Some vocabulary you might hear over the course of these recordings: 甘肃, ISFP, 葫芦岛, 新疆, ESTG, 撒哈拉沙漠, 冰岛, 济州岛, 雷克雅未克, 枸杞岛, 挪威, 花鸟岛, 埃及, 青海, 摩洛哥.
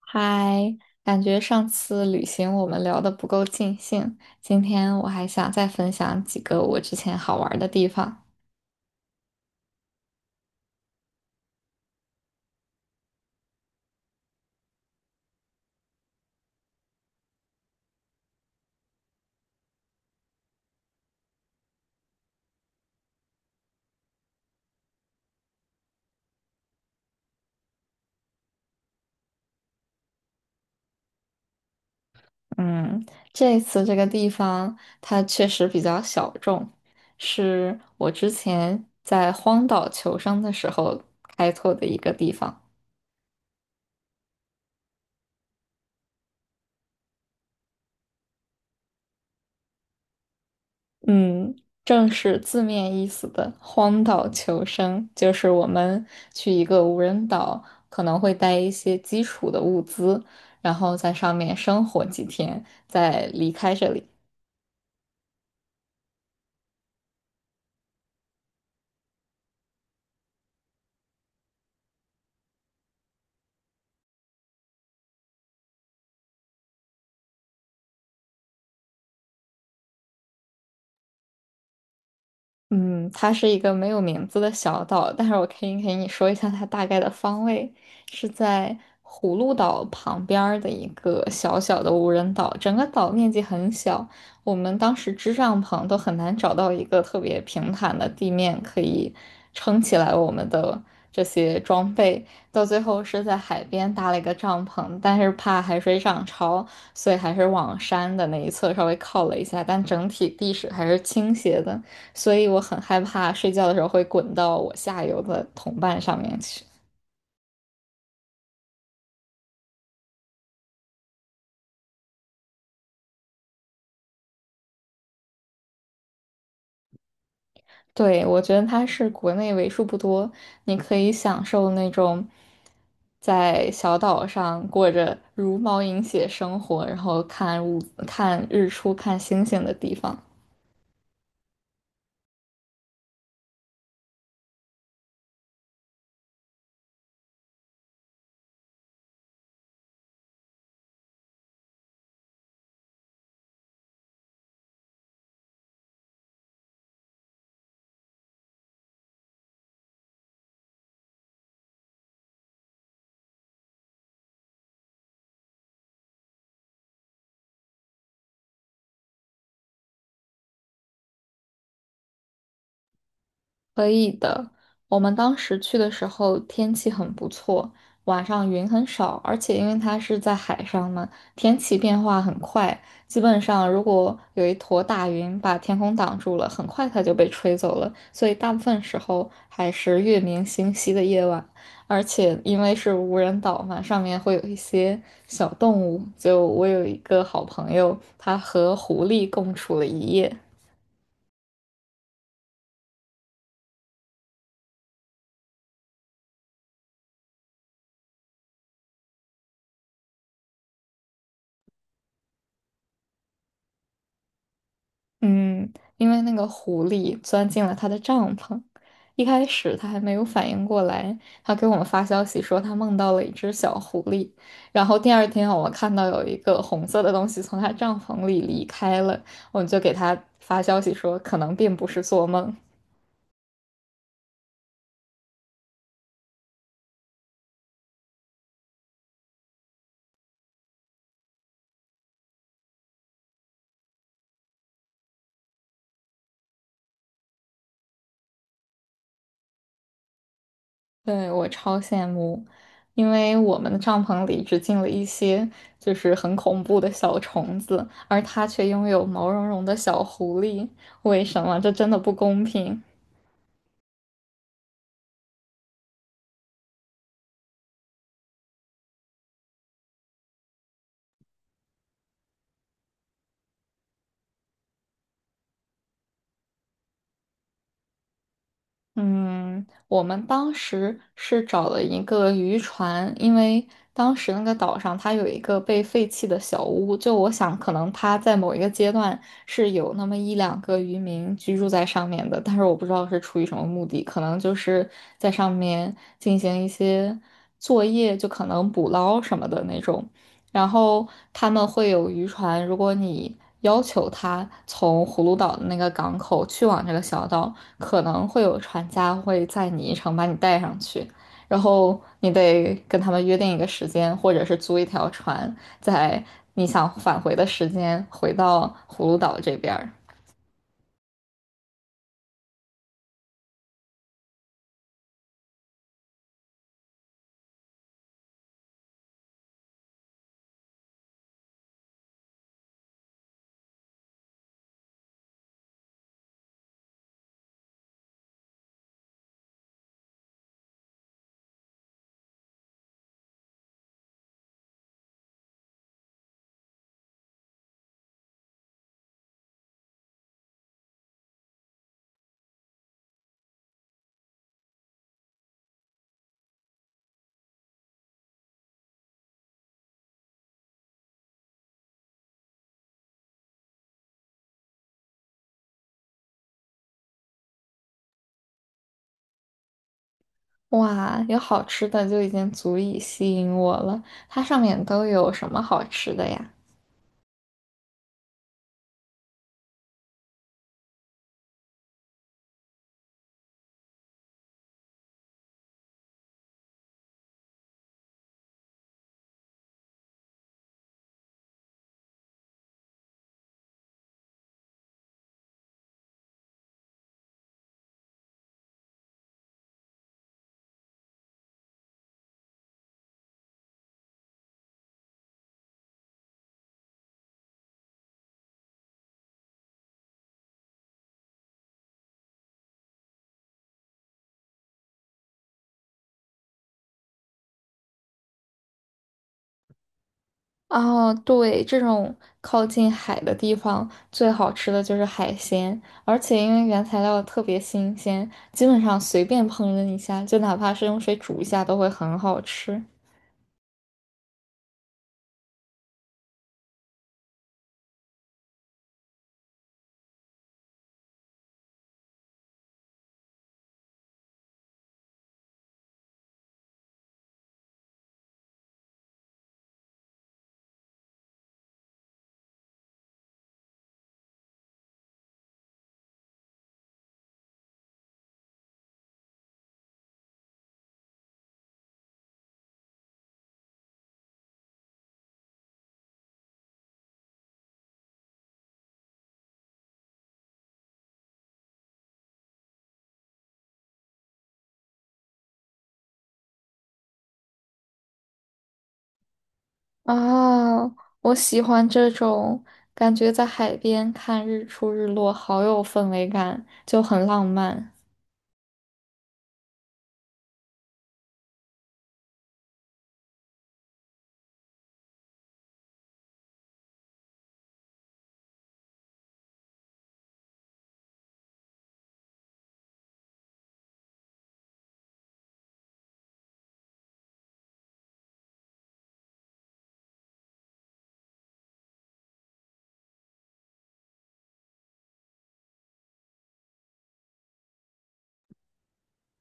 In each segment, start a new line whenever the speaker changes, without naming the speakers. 嗨，感觉上次旅行我们聊得不够尽兴，今天我还想再分享几个我之前好玩儿的地方。嗯，这次这个地方它确实比较小众，是我之前在荒岛求生的时候开拓的一个地方。嗯，正是字面意思的荒岛求生，就是我们去一个无人岛，可能会带一些基础的物资，然后在上面生活几天，再离开这里。嗯，它是一个没有名字的小岛，但是我可以给你说一下它大概的方位，是在葫芦岛旁边儿的一个小小的无人岛，整个岛面积很小，我们当时支帐篷都很难找到一个特别平坦的地面可以撑起来我们的这些装备，到最后是在海边搭了一个帐篷，但是怕海水涨潮，所以还是往山的那一侧稍微靠了一下，但整体地势还是倾斜的。所以我很害怕睡觉的时候会滚到我下游的同伴上面去。对，我觉得它是国内为数不多，你可以享受那种在小岛上过着茹毛饮血生活，然后看日出、看星星的地方。可以的，我们当时去的时候天气很不错，晚上云很少，而且因为它是在海上嘛，天气变化很快。基本上，如果有一坨大云把天空挡住了，很快它就被吹走了。所以大部分时候还是月明星稀的夜晚，而且因为是无人岛嘛，上面会有一些小动物。就我有一个好朋友，他和狐狸共处了一夜。嗯，因为那个狐狸钻进了他的帐篷，一开始他还没有反应过来，他给我们发消息说他梦到了一只小狐狸，然后第二天我们看到有一个红色的东西从他帐篷里离开了，我们就给他发消息说可能并不是做梦。对，我超羡慕，因为我们的帐篷里只进了一些就是很恐怖的小虫子，而他却拥有毛茸茸的小狐狸，为什么？这真的不公平。嗯，我们当时是找了一个渔船，因为当时那个岛上它有一个被废弃的小屋，就我想可能它在某一个阶段是有那么一两个渔民居住在上面的，但是我不知道是出于什么目的，可能就是在上面进行一些作业，就可能捕捞什么的那种。然后他们会有渔船，如果你要求他从葫芦岛的那个港口去往这个小岛，可能会有船家会载你一程把你带上去，然后你得跟他们约定一个时间，或者是租一条船，在你想返回的时间回到葫芦岛这边儿。哇，有好吃的就已经足以吸引我了。它上面都有什么好吃的呀？哦，对，这种靠近海的地方，最好吃的就是海鲜，而且因为原材料特别新鲜，基本上随便烹饪一下，就哪怕是用水煮一下，都会很好吃。啊，我喜欢这种感觉，在海边看日出日落，好有氛围感，就很浪漫。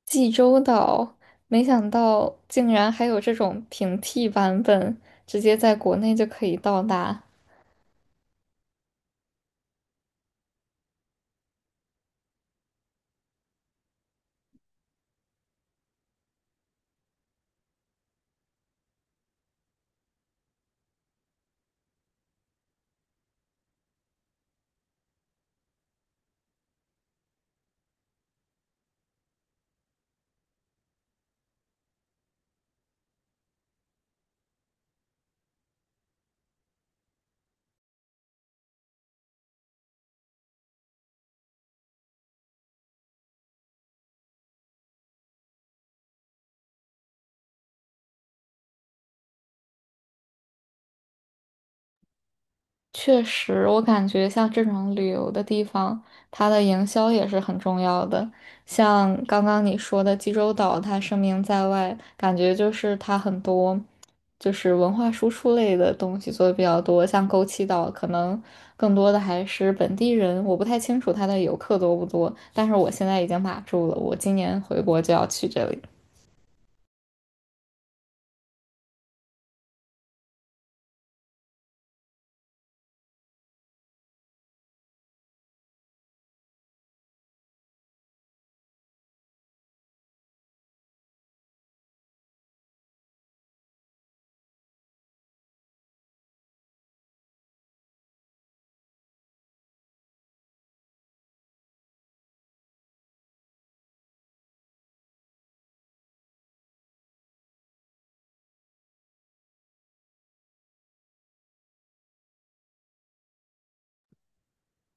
济州岛，没想到竟然还有这种平替版本，直接在国内就可以到达。确实，我感觉像这种旅游的地方，它的营销也是很重要的。像刚刚你说的济州岛，它声名在外，感觉就是它很多就是文化输出类的东西做的比较多。像枸杞岛，可能更多的还是本地人，我不太清楚它的游客多不多，但是我现在已经码住了，我今年回国就要去这里。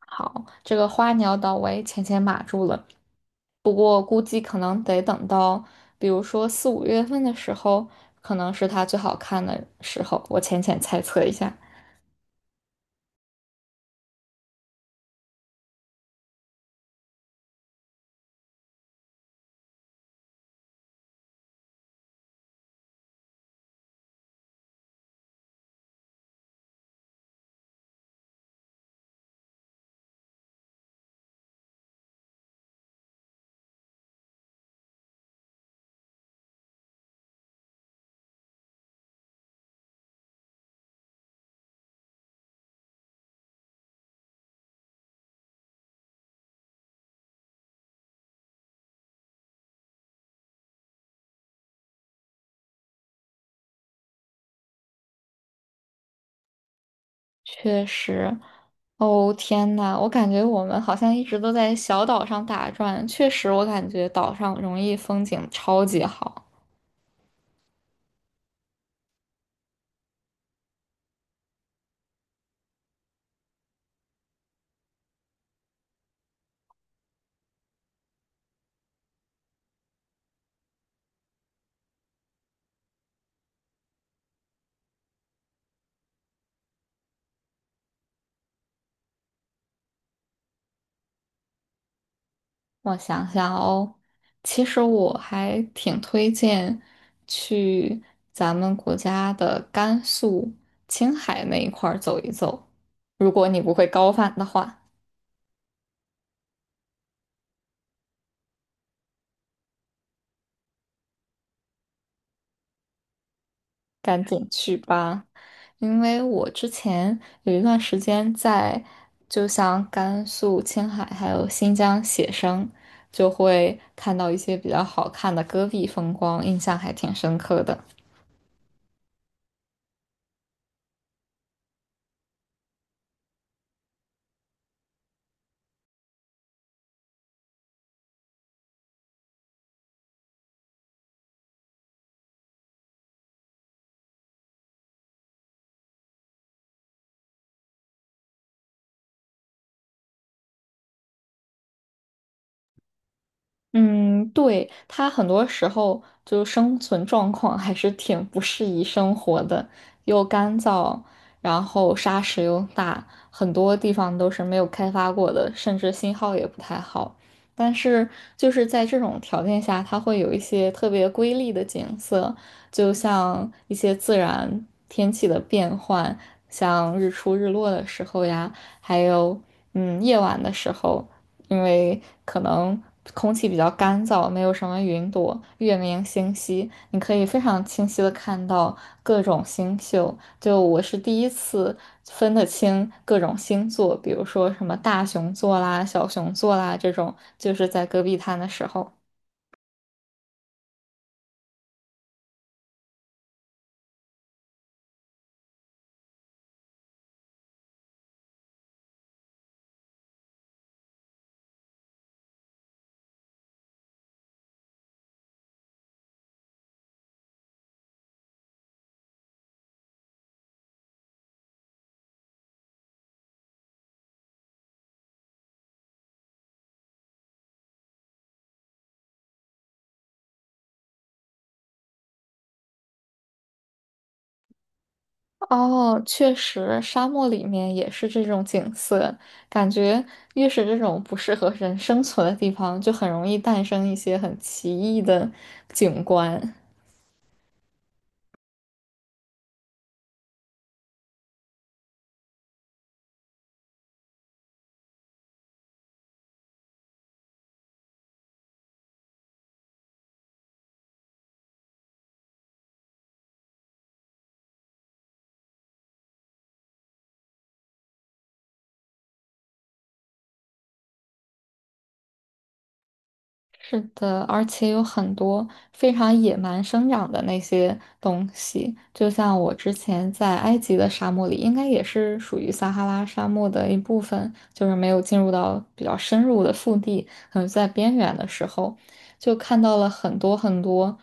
好，这个花鸟岛我也浅浅码住了。不过估计可能得等到，比如说四五月份的时候，可能是它最好看的时候。我浅浅猜测一下，确实。哦，天呐，我感觉我们好像一直都在小岛上打转。确实，我感觉岛上容易风景超级好。我想想哦，其实我还挺推荐去咱们国家的甘肃、青海那一块儿走一走，如果你不会高反的话。赶紧去吧，因为我之前有一段时间在，就像甘肃、青海还有新疆写生，就会看到一些比较好看的戈壁风光，印象还挺深刻的。嗯，对，它很多时候就生存状况还是挺不适宜生活的，又干燥，然后沙石又大，很多地方都是没有开发过的，甚至信号也不太好。但是就是在这种条件下，它会有一些特别瑰丽的景色，就像一些自然天气的变换，像日出日落的时候呀，还有夜晚的时候。因为可能空气比较干燥，没有什么云朵，月明星稀，你可以非常清晰的看到各种星宿。就我是第一次分得清各种星座，比如说什么大熊座啦、小熊座啦这种，就是在戈壁滩的时候。哦，确实，沙漠里面也是这种景色，感觉越是这种不适合人生存的地方，就很容易诞生一些很奇异的景观。是的，而且有很多非常野蛮生长的那些东西，就像我之前在埃及的沙漠里，应该也是属于撒哈拉沙漠的一部分，就是没有进入到比较深入的腹地，可能在边缘的时候，就看到了很多很多。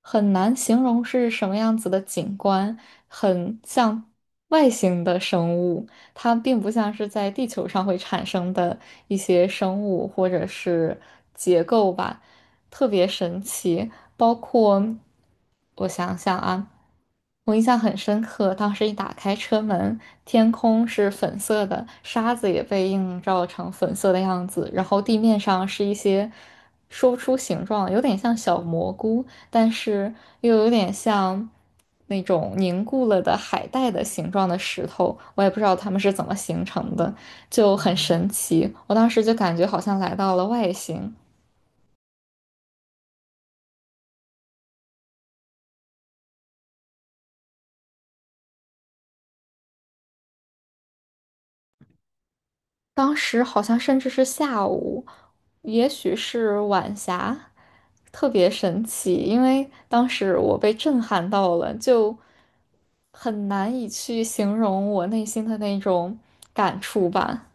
很难形容是什么样子的景观，很像外星的生物，它并不像是在地球上会产生的一些生物或者是结构吧，特别神奇。包括我想想啊，我印象很深刻，当时一打开车门，天空是粉色的，沙子也被映照成粉色的样子，然后地面上是一些说不出形状，有点像小蘑菇。但是又有点像那种凝固了的海带的形状的石头，我也不知道它们是怎么形成的，就很神奇。我当时就感觉好像来到了外星，当时好像甚至是下午，也许是晚霞，特别神奇，因为当时我被震撼到了，就很难以去形容我内心的那种感触吧。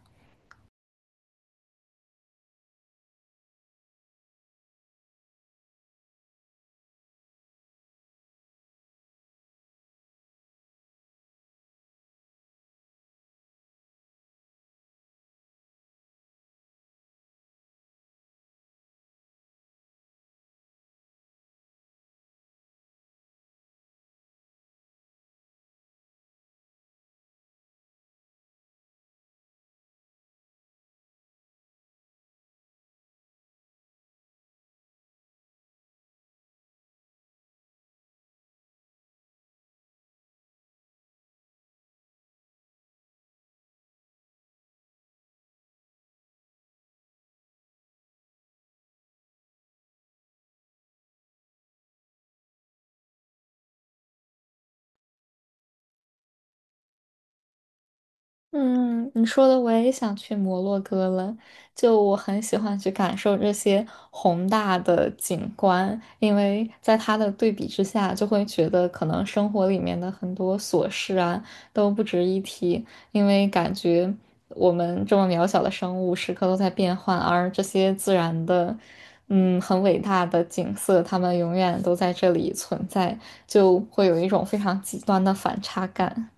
嗯，你说的我也想去摩洛哥了。就我很喜欢去感受这些宏大的景观，因为在它的对比之下，就会觉得可能生活里面的很多琐事啊都不值一提，因为感觉我们这么渺小的生物时刻都在变换，而这些自然的，很伟大的景色，它们永远都在这里存在，就会有一种非常极端的反差感。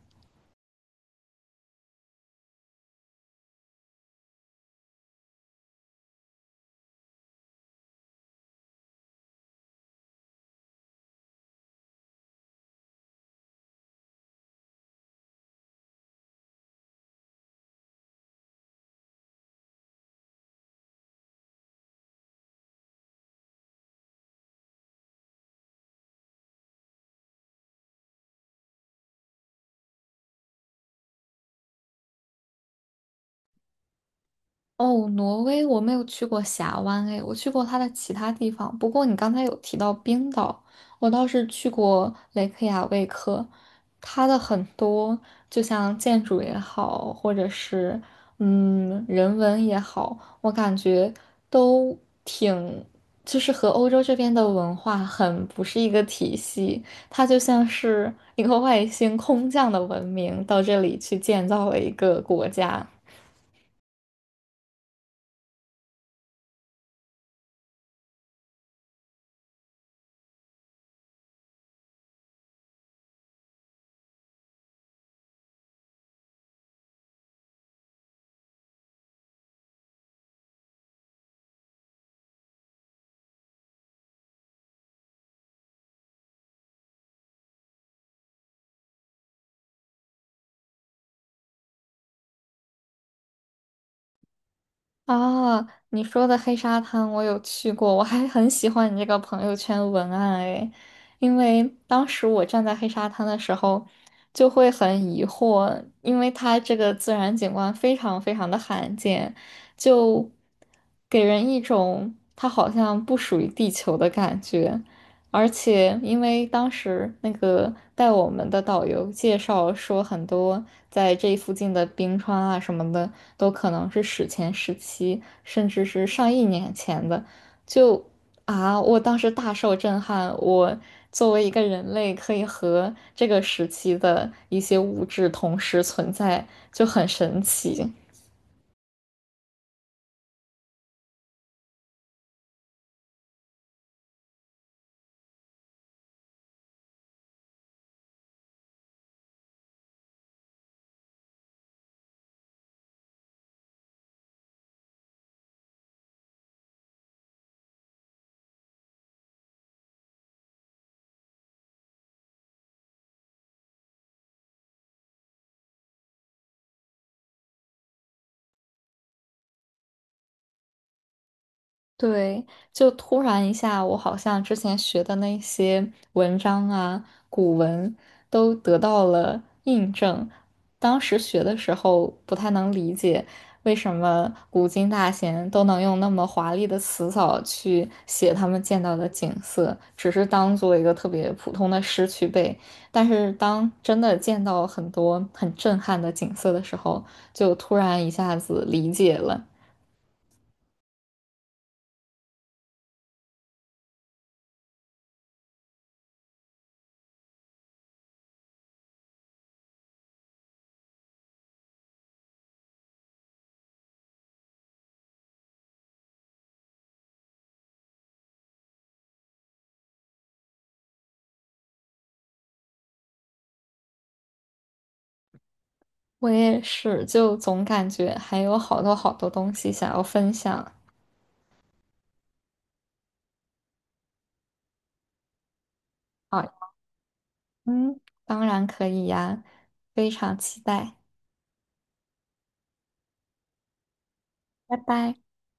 哦，挪威我没有去过峡湾诶，我去过它的其他地方。不过你刚才有提到冰岛，我倒是去过雷克雅未克，它的很多就像建筑也好，或者是人文也好，我感觉都挺就是和欧洲这边的文化很不是一个体系，它就像是一个外星空降的文明到这里去建造了一个国家。啊，你说的黑沙滩我有去过，我还很喜欢你这个朋友圈文案诶，因为当时我站在黑沙滩的时候，就会很疑惑，因为它这个自然景观非常非常的罕见，就给人一种它好像不属于地球的感觉。而且因为当时那个带我们的导游介绍说，很多在这附近的冰川啊什么的，都可能是史前时期，甚至是上亿年前的。就啊，我当时大受震撼。我作为一个人类，可以和这个时期的一些物质同时存在，就很神奇。对，就突然一下，我好像之前学的那些文章啊、古文都得到了印证。当时学的时候不太能理解，为什么古今大贤都能用那么华丽的词藻去写他们见到的景色，只是当做一个特别普通的诗去背。但是当真的见到很多很震撼的景色的时候，就突然一下子理解了。我也是，就总感觉还有好多好多东西想要分享啊。嗯，当然可以呀，非常期待，拜拜。